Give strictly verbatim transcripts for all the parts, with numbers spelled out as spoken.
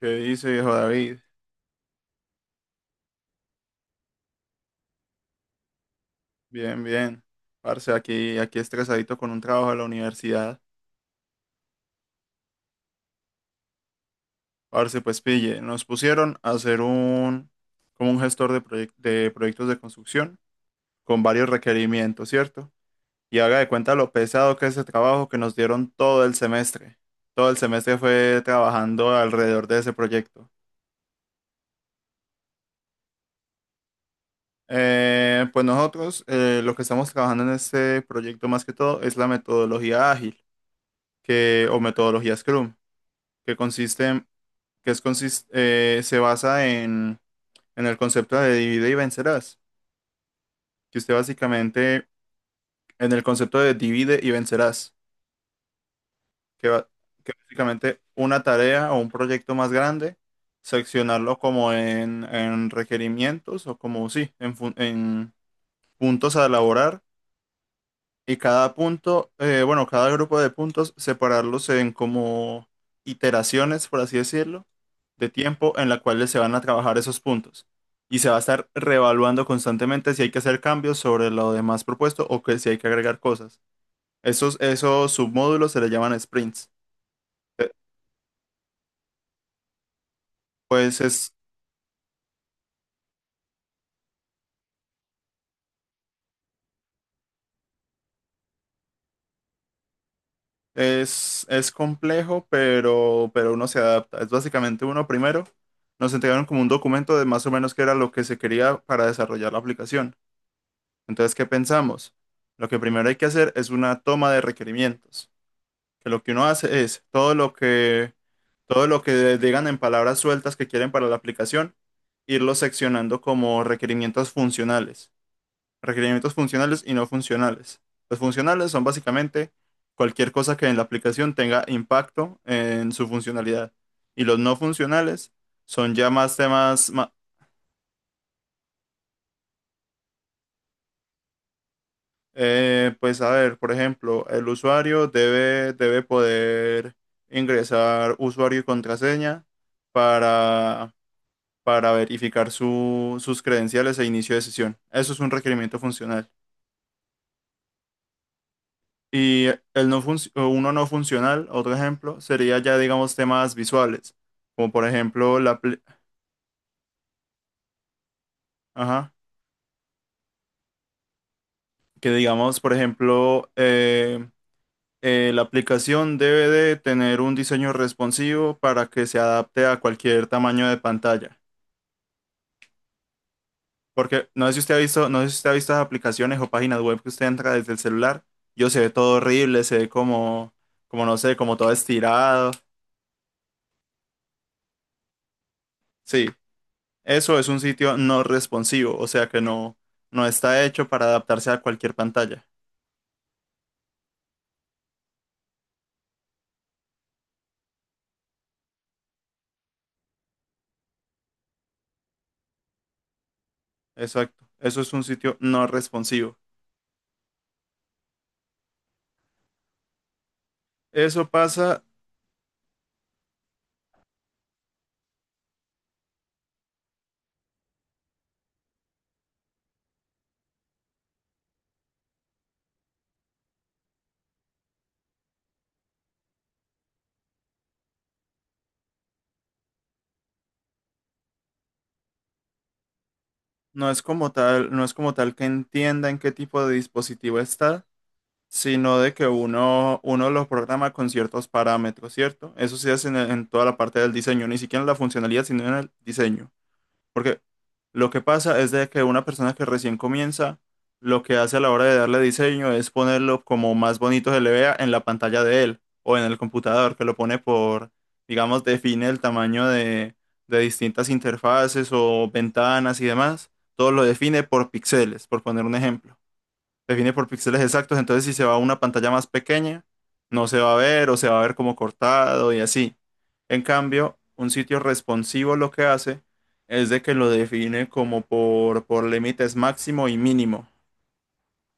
¿Qué dice, viejo David? Bien, bien. Parce, aquí, aquí estresadito con un trabajo de la universidad. Parce, pues pille, nos pusieron a hacer un, como un gestor de, proyec- de proyectos de construcción con varios requerimientos, ¿cierto? Y haga de cuenta lo pesado que es ese trabajo que nos dieron todo el semestre. Todo el semestre fue trabajando alrededor de ese proyecto. Eh, pues nosotros eh, lo que estamos trabajando en este proyecto más que todo es la metodología ágil que, o metodología Scrum que consiste, que es consis- eh, se basa en, en el concepto de divide y vencerás, que usted básicamente, en el concepto de divide y vencerás, que, ba- que básicamente una tarea o un proyecto más grande, seccionarlo como en, en requerimientos o como, sí, en, fun- en puntos a elaborar y cada punto, eh, bueno, cada grupo de puntos, separarlos en como iteraciones, por así decirlo, de tiempo en la cual se van a trabajar esos puntos. Y se va a estar reevaluando constantemente si hay que hacer cambios sobre lo demás propuesto o que si hay que agregar cosas. Esos, esos submódulos se les llaman sprints. Eh, Pues es, es, es complejo, pero, pero uno se adapta. Es básicamente uno primero. Nos entregaron como un documento de más o menos qué era lo que se quería para desarrollar la aplicación. Entonces, ¿qué pensamos? Lo que primero hay que hacer es una toma de requerimientos, que lo que uno hace es todo lo que, todo lo que digan en palabras sueltas que quieren para la aplicación, irlo seccionando como requerimientos funcionales, requerimientos funcionales y no funcionales. Los funcionales son básicamente cualquier cosa que en la aplicación tenga impacto en su funcionalidad. Y los no funcionales son ya más temas, ma- eh, pues a ver, por ejemplo, el usuario debe, debe poder ingresar usuario y contraseña para verificar su- sus credenciales e inicio de sesión. Eso es un requerimiento funcional. Y el no func- uno no funcional, otro ejemplo, sería ya, digamos, temas visuales, como por ejemplo la, apli- ajá, que digamos, por ejemplo, eh, eh, la aplicación debe de tener un diseño responsivo para que se adapte a cualquier tamaño de pantalla. Porque no sé si usted ha visto, no sé si usted ha visto esas aplicaciones o páginas web que usted entra desde el celular. Yo se ve todo horrible, se ve como, como no sé, como todo estirado. Sí, eso es un sitio no responsivo, o sea que no, no está hecho para adaptarse a cualquier pantalla. Exacto, eso es un sitio no responsivo. Eso pasa, no es como tal, no es como tal que entienda en qué tipo de dispositivo está, sino de que uno, uno los programa con ciertos parámetros, ¿cierto? Eso se hace en, en toda la parte del diseño, ni siquiera en la funcionalidad, sino en el diseño. Porque lo que pasa es de que una persona que recién comienza, lo que hace a la hora de darle diseño es ponerlo como más bonito se le vea en la pantalla de él o en el computador, que lo pone por, digamos, define el tamaño de, de distintas interfaces o ventanas y demás. Todo lo define por píxeles, por poner un ejemplo, define por píxeles exactos, entonces si se va a una pantalla más pequeña, no se va a ver o se va a ver como cortado y así. En cambio, un sitio responsivo lo que hace es de que lo define como por, por límites máximo y mínimo,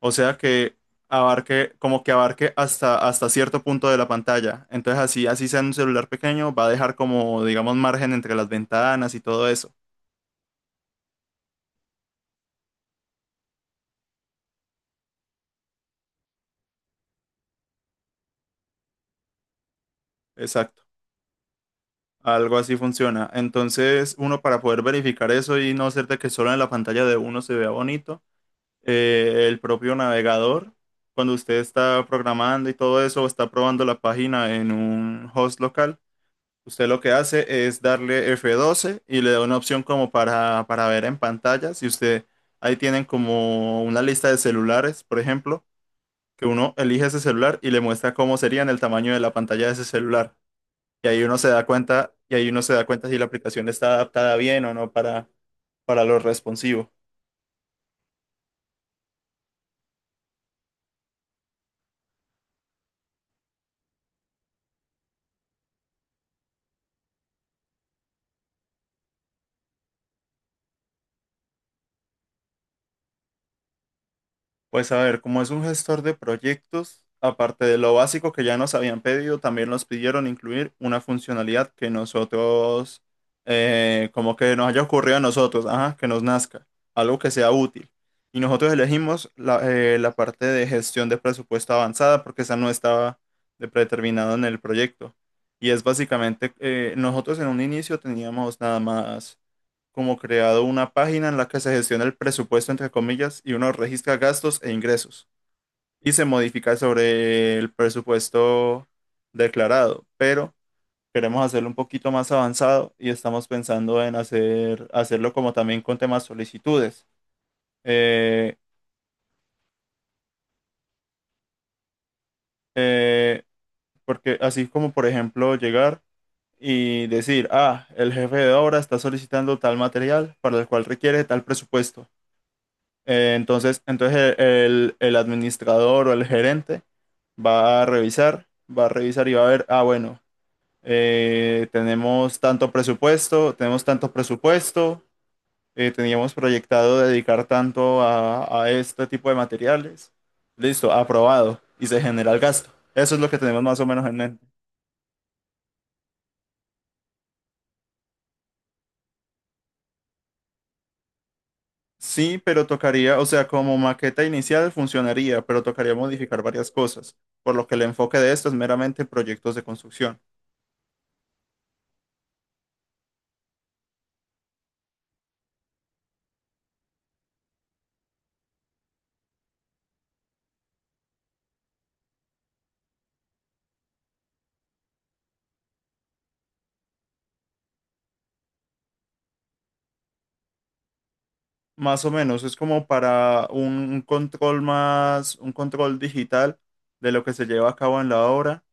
o sea que abarque, como que abarque hasta, hasta cierto punto de la pantalla. Entonces así, así sea un celular pequeño, va a dejar como, digamos, margen entre las ventanas y todo eso. Exacto. Algo así funciona. Entonces, uno para poder verificar eso y no hacer de que solo en la pantalla de uno se vea bonito, eh, el propio navegador, cuando usted está programando y todo eso, o está probando la página en un host local, usted lo que hace es darle F doce y le da una opción como para, para ver en pantalla. Si usted, ahí tienen como una lista de celulares, por ejemplo, que uno elige ese celular y le muestra cómo sería en el tamaño de la pantalla de ese celular. Y ahí uno se da cuenta, y ahí uno se da cuenta si la aplicación está adaptada bien o no para, para lo responsivo. Pues a ver, como es un gestor de proyectos, aparte de lo básico que ya nos habían pedido, también nos pidieron incluir una funcionalidad que nosotros, eh, como que nos haya ocurrido a nosotros, ajá, que nos nazca, algo que sea útil. Y nosotros elegimos la, eh, la parte de gestión de presupuesto avanzada porque esa no estaba de predeterminado en el proyecto. Y es básicamente, eh, nosotros en un inicio teníamos nada más como creado una página en la que se gestiona el presupuesto, entre comillas, y uno registra gastos e ingresos y se modifica sobre el presupuesto declarado. Pero queremos hacerlo un poquito más avanzado y estamos pensando en hacer, hacerlo como también con temas solicitudes. Eh, eh, porque así como, por ejemplo, llegar y decir, ah, el jefe de obra está solicitando tal material para el cual requiere tal presupuesto. Eh, entonces, entonces el, el- administrador o el gerente va a revisar, va a revisar y va a ver, ah, bueno, eh, tenemos tanto presupuesto, tenemos tanto presupuesto, eh, teníamos proyectado dedicar tanto a, a este tipo de materiales. Listo, aprobado y se genera el gasto. Eso es lo que tenemos más o menos en mente. Sí, pero tocaría, o sea, como maqueta inicial funcionaría, pero tocaría modificar varias cosas, por lo que el enfoque de esto es meramente proyectos de construcción. Más o menos, es como para un, un control más, un control digital de lo que se lleva a cabo en la obra,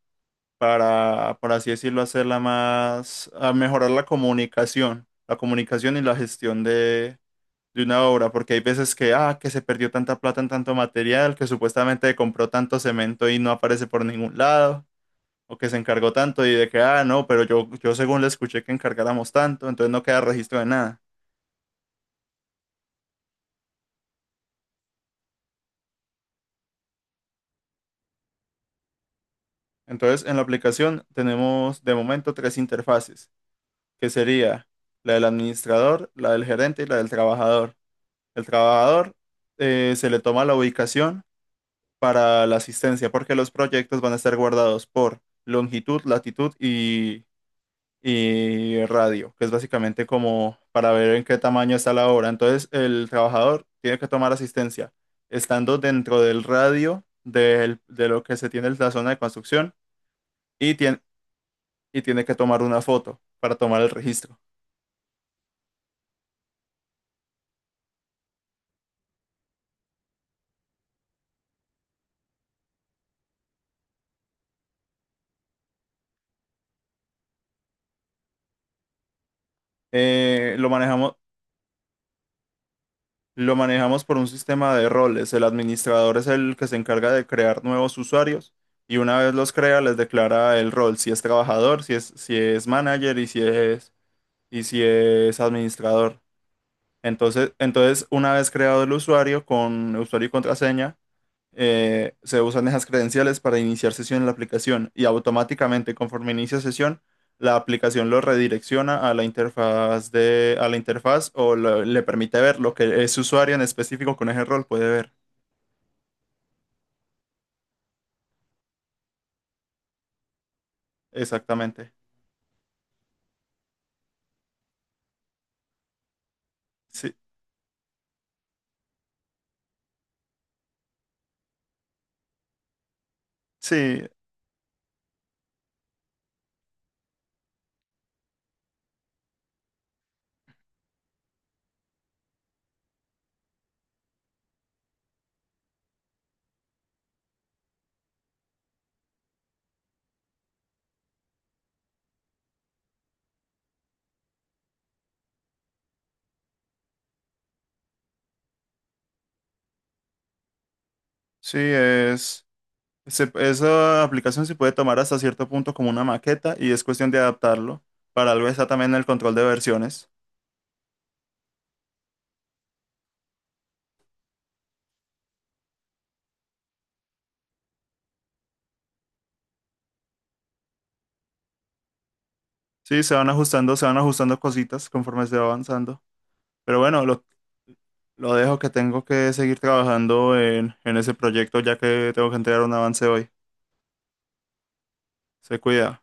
para, por así decirlo, hacerla más, a mejorar la comunicación, la comunicación y la gestión de, de una obra, porque hay veces que, ah, que se perdió tanta plata en tanto material, que supuestamente compró tanto cemento y no aparece por ningún lado, o que se encargó tanto y de que, ah, no, pero yo, yo según le escuché que encargáramos tanto, entonces no queda registro de nada. Entonces, en la aplicación tenemos de momento tres interfaces, que sería la del administrador, la del gerente y la del trabajador. El trabajador, eh, se le toma la ubicación para la asistencia, porque los proyectos van a estar guardados por longitud, latitud y, y radio, que es básicamente como para ver en qué tamaño está la obra. Entonces, el trabajador tiene que tomar asistencia estando dentro del radio del- de lo que se tiene en la zona de construcción. Y tien- y tiene que tomar una foto para tomar el registro. Eh, lo manejamos, lo manejamos por un sistema de roles. El administrador es el que se encarga de crear nuevos usuarios y una vez los crea, les declara el rol, si es trabajador, si es, si es manager y si es, y si es administrador. Entonces, entonces, una vez creado el usuario con usuario y contraseña, eh, se usan esas credenciales para iniciar sesión en la aplicación y automáticamente conforme inicia sesión, la aplicación lo redirecciona a la interfaz de, a la interfaz o lo- le permite ver lo que ese usuario en específico con ese rol puede ver. Exactamente. Sí, sí, sí, es, se- esa aplicación se puede tomar hasta cierto punto como una maqueta y es cuestión de adaptarlo. Para algo está también el control de versiones. Sí, se van ajustando, se van ajustando cositas conforme se va avanzando. Pero bueno, lo lo dejo que tengo que seguir trabajando en, en ese proyecto ya que tengo que entregar un avance hoy. Se cuida.